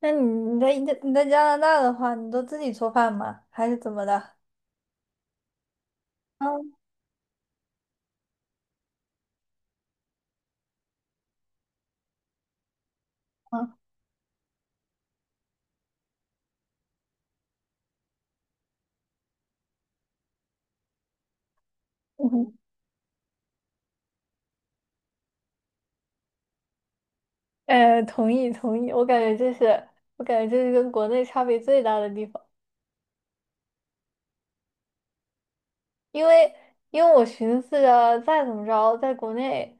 那你你在加拿大的话，你都自己做饭吗？还是怎么的？嗯嗯嗯，同意同意，我感觉这是跟国内差别最大的地方，因为因为我寻思着再怎么着，在国内，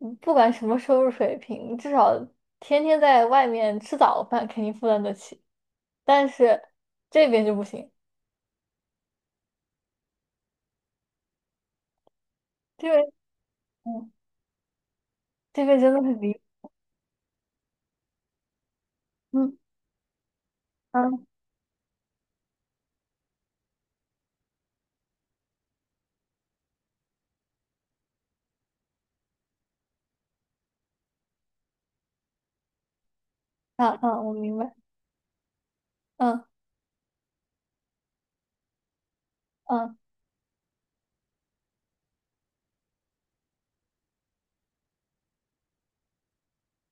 不管什么收入水平，至少天天在外面吃早饭肯定负担得起，但是这边就不行，这边嗯这边真的很离，嗯嗯啊啊，我明白，嗯嗯，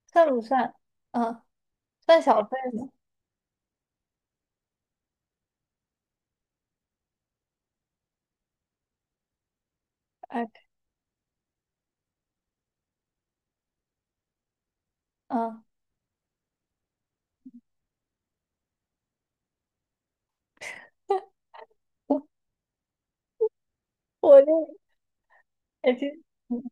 算不算？嗯。算小费吗？哎，嗯，我我就哎，其实嗯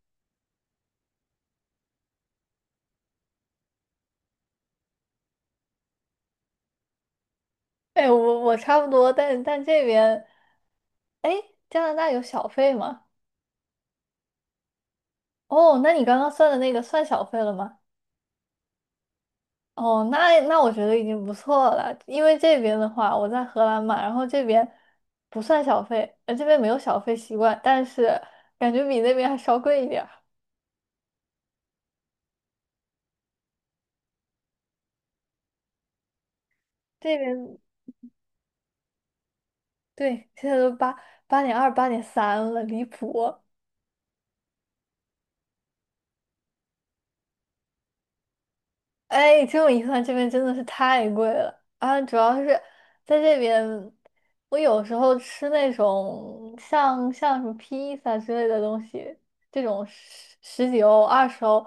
哎，我差不多，但这边哎，加拿大有小费吗？哦，那你刚刚算的那个算小费了吗？哦，那我觉得已经不错了，因为这边的话，我在荷兰嘛，然后这边不算小费，这边没有小费习惯，但是感觉比那边还稍贵一点儿。这边对，现在都八8.2、8.3了，离谱。哎，这么一传这边真的是太贵了啊！主要是在这边，我有时候吃那种像什么披萨之类的东西，这种十几欧、二十欧，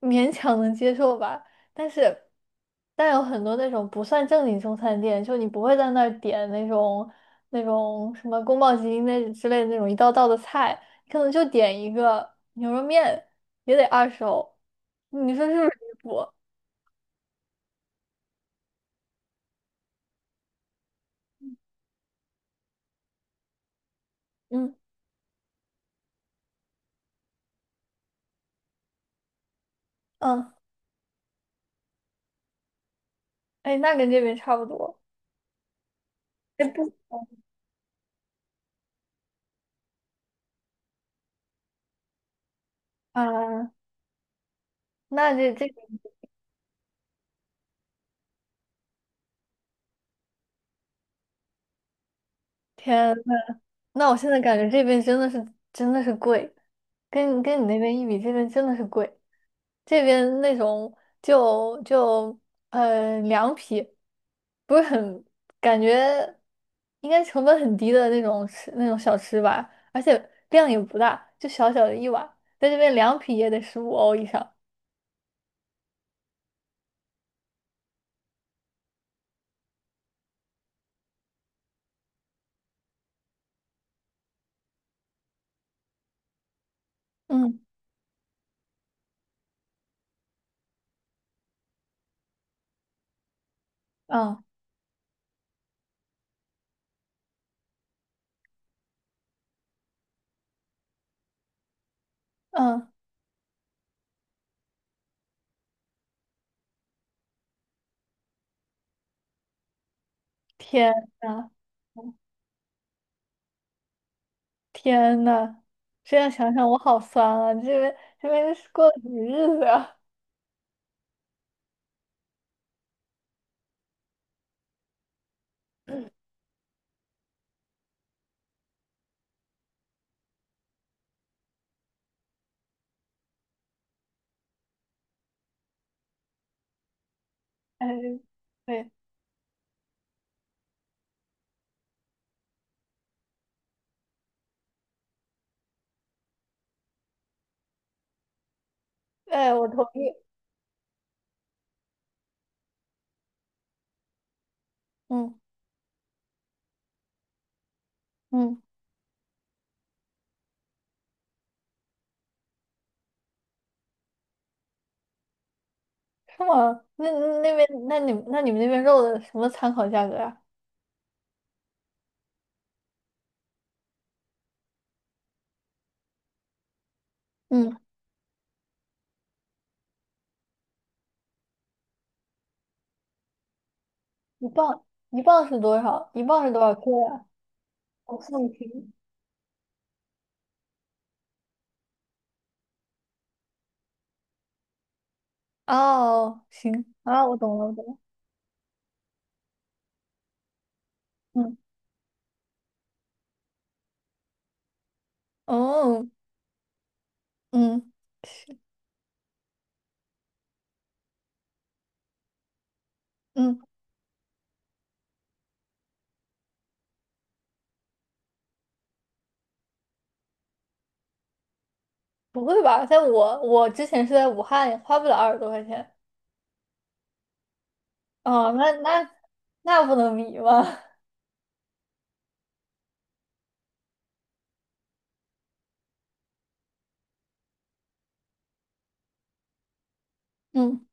勉强能接受吧。但是，但有很多那种不算正经中餐店，就你不会在那儿点那种什么宫保鸡丁那之类的那种一道道的菜，可能就点一个牛肉面也得二十欧，你说是不是离谱？嗯嗯，哎，那跟这边差不多。这不，啊，那这天，那我现在感觉这边真的是贵，跟你那边一比，这边真的是贵。这边那种就凉皮，不是很感觉应该成本很低的那种吃那种小吃吧，而且量也不大，就小小的一碗，在这边凉皮也得15欧以上。嗯嗯嗯，天呐！天呐，这样想想我好酸啊！这边这边是过了什么日子啊？哎，对，哎，我同意。嗯嗯，是吗？那那边那你那你们那边肉的什么参考价格啊？嗯，一磅一磅是多少？一磅是多少克呀？我算不清。哦，行啊，我懂了，我懂了。嗯，哦，嗯，是，嗯，不会吧？在我之前是在武汉，花不了20多块钱。哦，那不能比吗？嗯，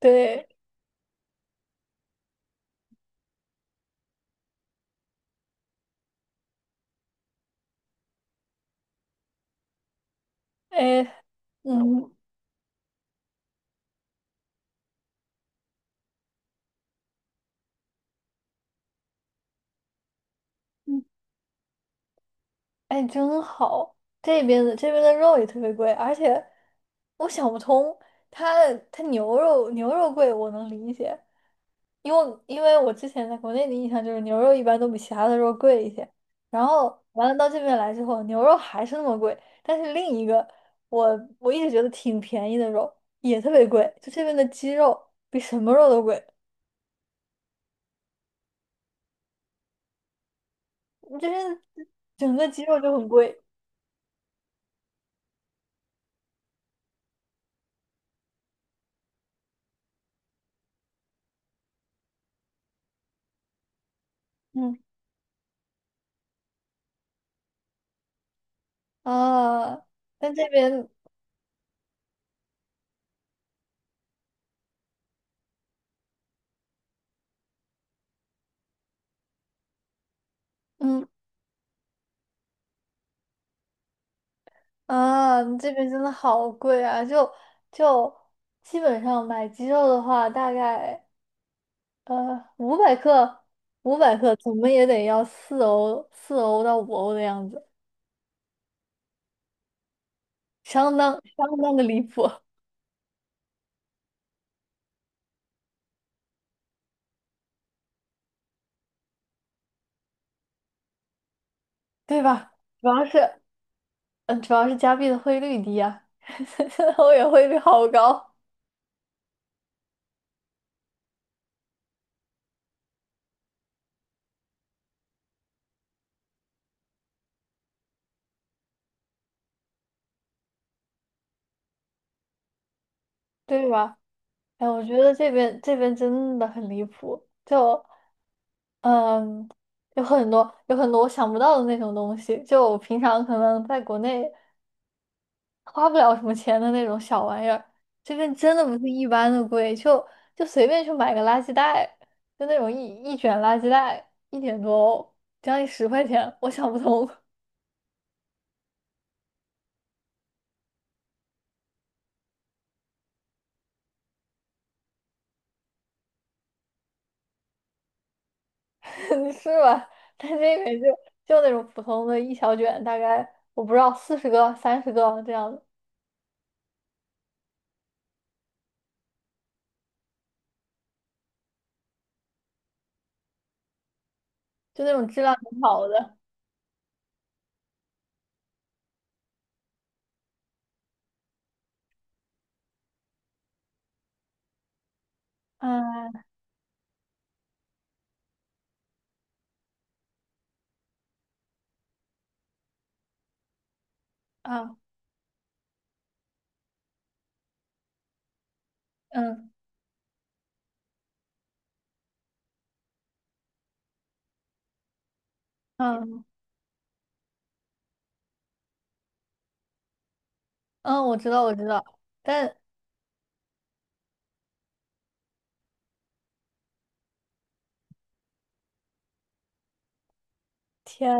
对，哎，嗯嗯，哎，真好。这边的肉也特别贵，而且我想不通，它牛肉贵我能理解，因为我之前在国内的印象就是牛肉一般都比其他的肉贵一些，然后完了到这边来之后，牛肉还是那么贵，但是另一个我一直觉得挺便宜的肉也特别贵，就这边的鸡肉比什么肉都贵，就是整个鸡肉就很贵。嗯。啊，但这边，嗯啊，这边真的好贵啊！就基本上买鸡肉的话，大概呃五百克，五百克怎么也得要四欧，四欧到五欧的样子，相当相当的离谱，对吧？主要是，嗯，主要是加币的汇率低啊，现在欧元汇率好高，对吧？哎，我觉得这边真的很离谱，就。嗯，有很多我想不到的那种东西，就我平常可能在国内花不了什么钱的那种小玩意儿，这边真的不是一般的贵，就随便去买个垃圾袋，就那种一卷垃圾袋一点多欧将近10块钱，我想不通，是吧？但这边就那种普通的一小卷，大概我不知道40个、30个这样的，就那种质量很好的，嗯啊嗯嗯。嗯，我知道，我知道，但天，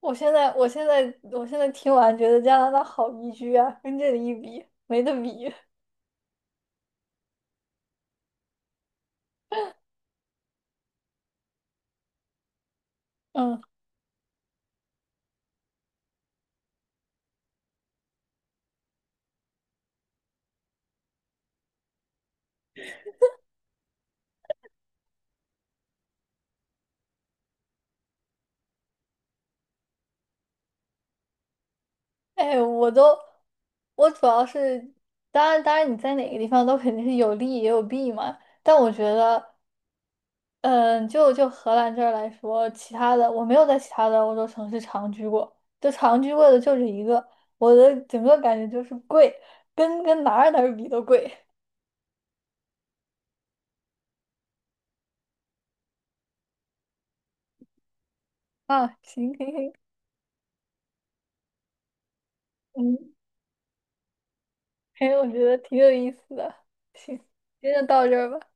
我现在听完觉得加拿大好宜居啊，跟这里一比，没得比。嗯，哎，我都，我主要是，当然，当然你在哪个地方都肯定是有利也有弊嘛，但我觉得，嗯，就荷兰这儿来说，其他的我没有在其他的欧洲城市长居过，就长居过的就这一个，我的整个感觉就是贵，跟哪儿哪儿比都贵啊，行行行，嗯。哎，我觉得挺有意思的。行，今天就到这儿吧。